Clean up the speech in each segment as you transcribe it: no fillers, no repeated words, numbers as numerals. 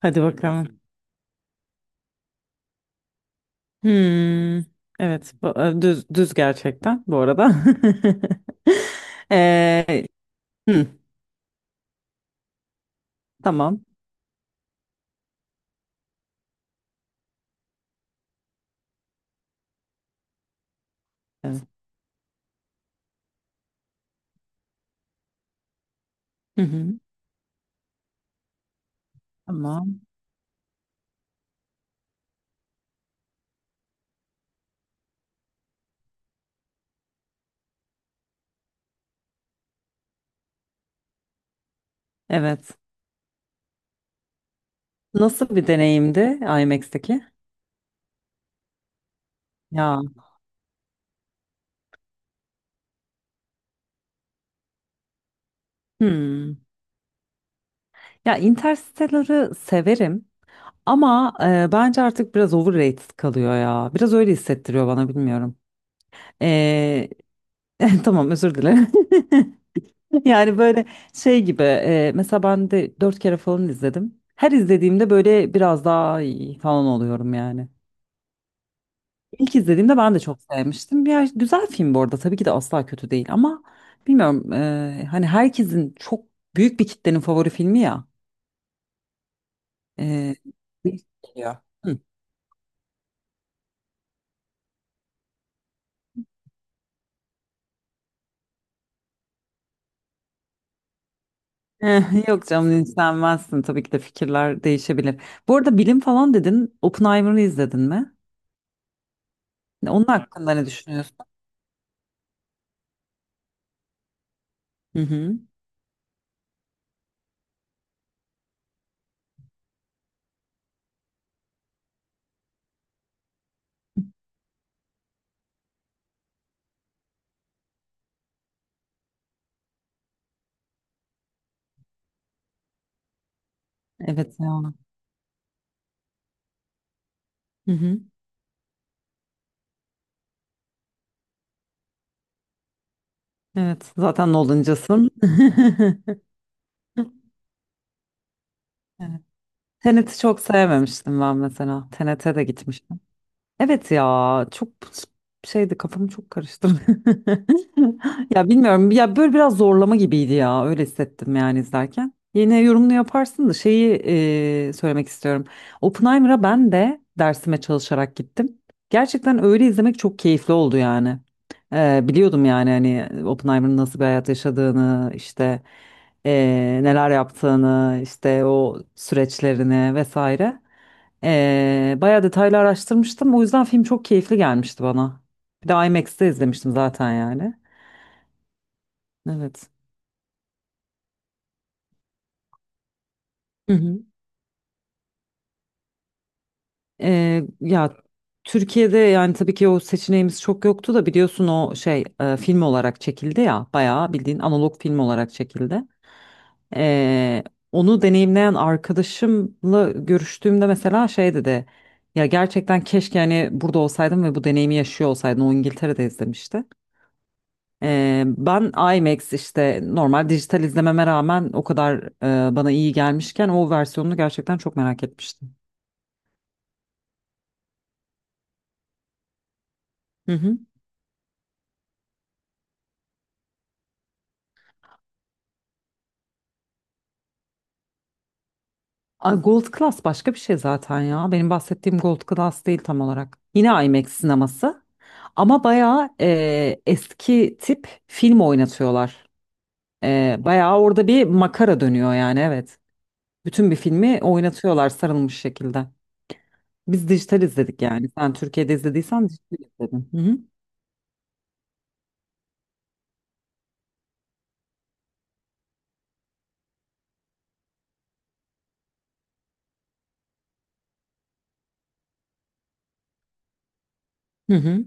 Hadi bakalım. Hmm, evet, düz düz gerçekten bu arada. Ee, hı, tamam. Evet. Hı hı, tamam. Evet. Nasıl bir deneyimdi IMAX'teki? Ya. Hmm. Ya Interstellar'ı severim ama bence artık biraz overrated kalıyor ya. Biraz öyle hissettiriyor bana, bilmiyorum. Ee, tamam, özür dilerim. Yani böyle şey gibi, mesela ben de dört kere falan izledim. Her izlediğimde böyle biraz daha iyi falan oluyorum yani. İlk izlediğimde ben de çok sevmiştim. Bir güzel film bu arada, tabii ki de asla kötü değil ama bilmiyorum, hani herkesin çok, büyük bir kitlenin favori filmi ya. E, Geliyor. Hı. Yok canım, linçlenmezsin tabii ki de, fikirler değişebilir. Bu arada, bilim falan dedin, Oppenheimer'ı izledin mi? Onun hakkında ne düşünüyorsun? Hı hı. Evet ya. Hı hı. Evet. Zaten Nolancısın. Evet. Tenet'i çok sevmemiştim ben mesela. Tenet'e de gitmiş. Evet ya, çok şeydi, kafamı çok karıştırdı. Ya bilmiyorum ya, böyle biraz zorlama gibiydi ya, öyle hissettim yani izlerken. Yine yorumunu yaparsın da şeyi, söylemek istiyorum. Oppenheimer'a ben de dersime çalışarak gittim. Gerçekten öyle izlemek çok keyifli oldu yani. Biliyordum yani, hani Oppenheimer'ın nasıl bir hayat yaşadığını, işte, neler yaptığını, işte o süreçlerini vesaire. Bayağı detaylı araştırmıştım. O yüzden film çok keyifli gelmişti bana. Bir de IMAX'te izlemiştim zaten yani. Evet. Hı hı. Ya, Türkiye'de yani tabii ki o seçeneğimiz çok yoktu da, biliyorsun, o şey, film olarak çekildi ya, bayağı bildiğin analog film olarak çekildi. Ee, Onu deneyimleyen arkadaşımla görüştüğümde mesela şey dedi: ya gerçekten keşke hani burada olsaydım ve bu deneyimi yaşıyor olsaydım. O İngiltere'de izlemişti. Ben IMAX, işte normal dijital izlememe rağmen o kadar bana iyi gelmişken, o versiyonunu gerçekten çok merak etmiştim. Hı hı. Ay, Gold Class başka bir şey zaten ya. Benim bahsettiğim Gold Class değil tam olarak. Yine IMAX sineması ama bayağı, eski tip film oynatıyorlar. Bayağı orada bir makara dönüyor yani, evet. Bütün bir filmi oynatıyorlar sarılmış şekilde. Biz dijital izledik yani. Sen Türkiye'de izlediysen dijital izledin. Hı hı. Hı hı.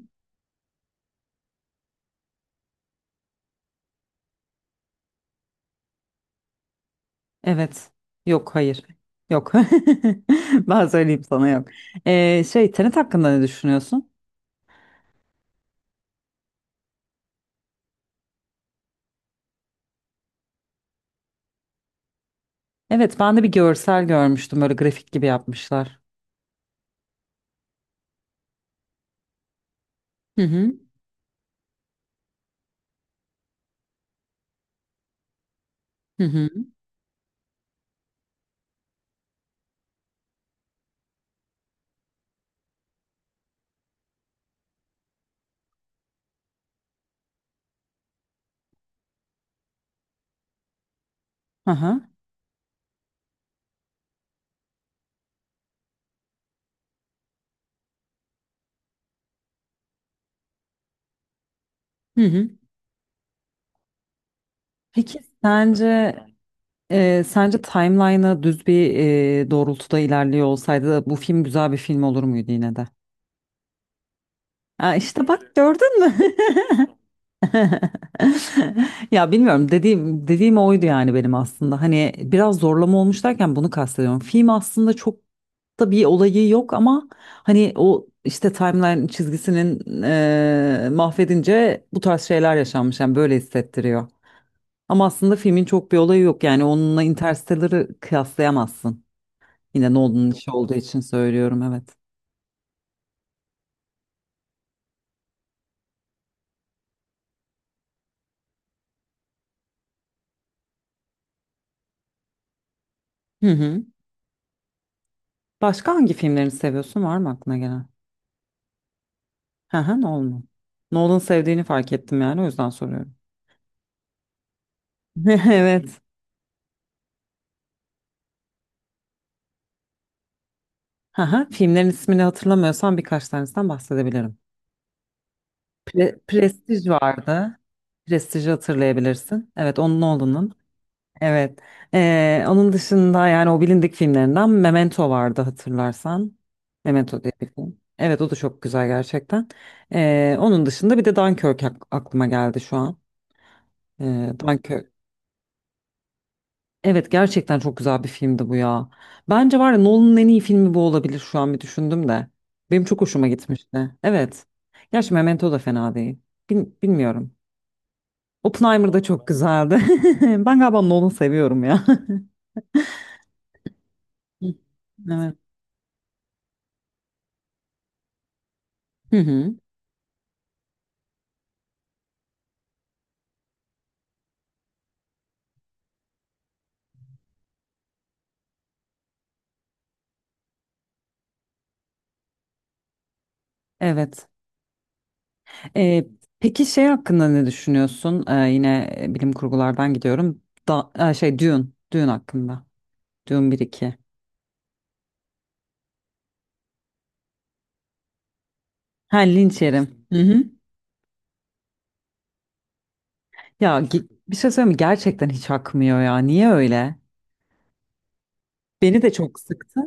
Evet. Yok, hayır. Yok. Ben söyleyeyim sana, yok. Şey, Tenet hakkında ne düşünüyorsun? Evet, ben de bir görsel görmüştüm. Böyle grafik gibi yapmışlar. Hı hı. Hı hı. Aha. Hı hı. Peki sence, timeline'ı düz bir, doğrultuda ilerliyor olsaydı bu film güzel bir film olur muydu yine de? Ha, işte bak, gördün mü? Ya bilmiyorum, dediğim dediğim oydu yani benim aslında. Hani biraz zorlama olmuş derken bunu kastediyorum. Film aslında çok da bir olayı yok ama hani o işte timeline çizgisinin mahvedince bu tarz şeyler yaşanmış. Yani böyle hissettiriyor. Ama aslında filmin çok bir olayı yok. Yani onunla Interstellar'ı kıyaslayamazsın. Yine Nolan'ın işi olduğu için söylüyorum, evet. Hı hı. Başka hangi filmlerini seviyorsun? Var mı aklına gelen? Hı hı, Nolan. Nolan sevdiğini fark ettim yani, o yüzden soruyorum. Evet. Hı hı. Filmlerin ismini hatırlamıyorsam birkaç tanesinden bahsedebilirim. Prestige vardı. Prestiji hatırlayabilirsin. Evet, onun, Nolan'ın. Evet. Onun dışında yani, o bilindik filmlerinden Memento vardı, hatırlarsan. Memento diye bir film. Evet, o da çok güzel gerçekten. Onun dışında bir de Dunkirk aklıma geldi şu an. Dunkirk. Evet, gerçekten çok güzel bir filmdi bu ya. Bence var ya, Nolan'ın en iyi filmi bu olabilir, şu an bir düşündüm de. Benim çok hoşuma gitmişti. Evet. Gerçi Memento da fena değil. Bilmiyorum. Oppenheimer da çok güzeldi. Ben galiba Nolan'ı seviyorum ya. Hı. Evet. Hı hı. Evet. Ee, peki şey hakkında ne düşünüyorsun? Yine, bilim kurgulardan gidiyorum. Şey, Dune. Dune hakkında. Dune bir iki. Ha, linç yerim. Hı hı. Ya bir şey söyleyeyim mi? Gerçekten hiç akmıyor ya. Niye öyle? Beni de çok sıktı.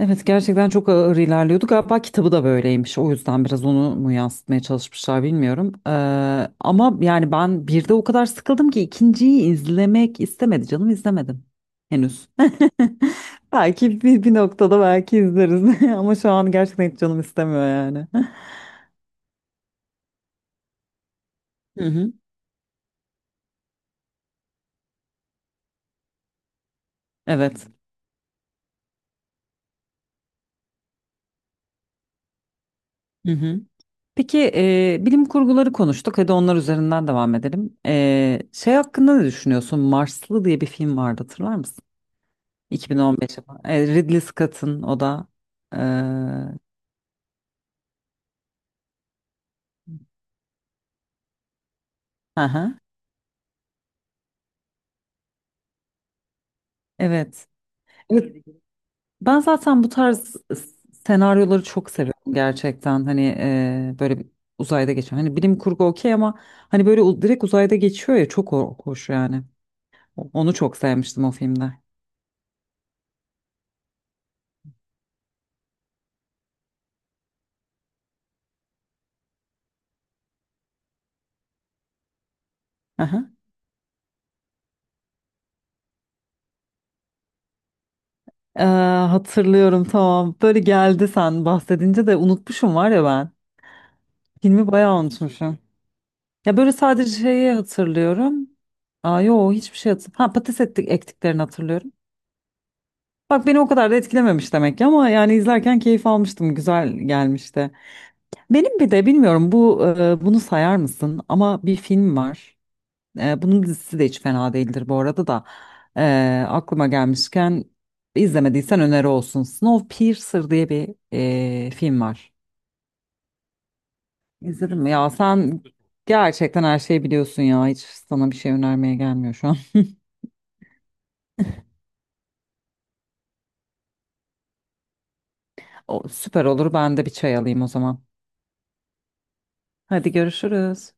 Evet, gerçekten çok ağır ilerliyordu. Galiba kitabı da böyleymiş. O yüzden biraz onu mu yansıtmaya çalışmışlar, bilmiyorum. Ama yani ben bir de o kadar sıkıldım ki ikinciyi izlemek istemedi canım, izlemedim. Henüz. Belki bir noktada belki izleriz. Ama şu an gerçekten hiç canım istemiyor yani. Hı hı. Evet. Hı hı. Peki, bilim kurguları konuştuk. Hadi onlar üzerinden devam edelim. Şey hakkında ne düşünüyorsun? Marslı diye bir film vardı, hatırlar mısın? 2015 yapımı. Ridley Scott'ın, o da. Hı hı, evet. Evet. Ben zaten bu tarz senaryoları çok seviyorum gerçekten. Hani, böyle bir, uzayda geçiyor. Hani bilim kurgu, okey ama hani böyle direkt uzayda geçiyor ya, çok hoş yani. Onu çok sevmiştim o filmde. Ee, Hatırlıyorum, tamam. Böyle geldi sen bahsedince, de unutmuşum var ya ben. Filmi bayağı unutmuşum. Ya böyle sadece şeyi hatırlıyorum. Aa, yo, hiçbir şey hatırlamıyorum. Ha, patates ettik, ektiklerini hatırlıyorum. Bak beni o kadar da etkilememiş demek ki ama yani izlerken keyif almıştım. Güzel gelmişti. Benim bir de, bilmiyorum bu, bunu sayar mısın ama bir film var. Bunun dizisi de hiç fena değildir bu arada da. Aklıma gelmişken, izlemediysen öneri olsun. Snowpiercer diye bir, film var. İzledin mi? Ya sen gerçekten her şeyi biliyorsun ya. Hiç sana bir şey önermeye gelmiyor şu an. O, süper olur. Ben de bir çay alayım o zaman. Hadi görüşürüz.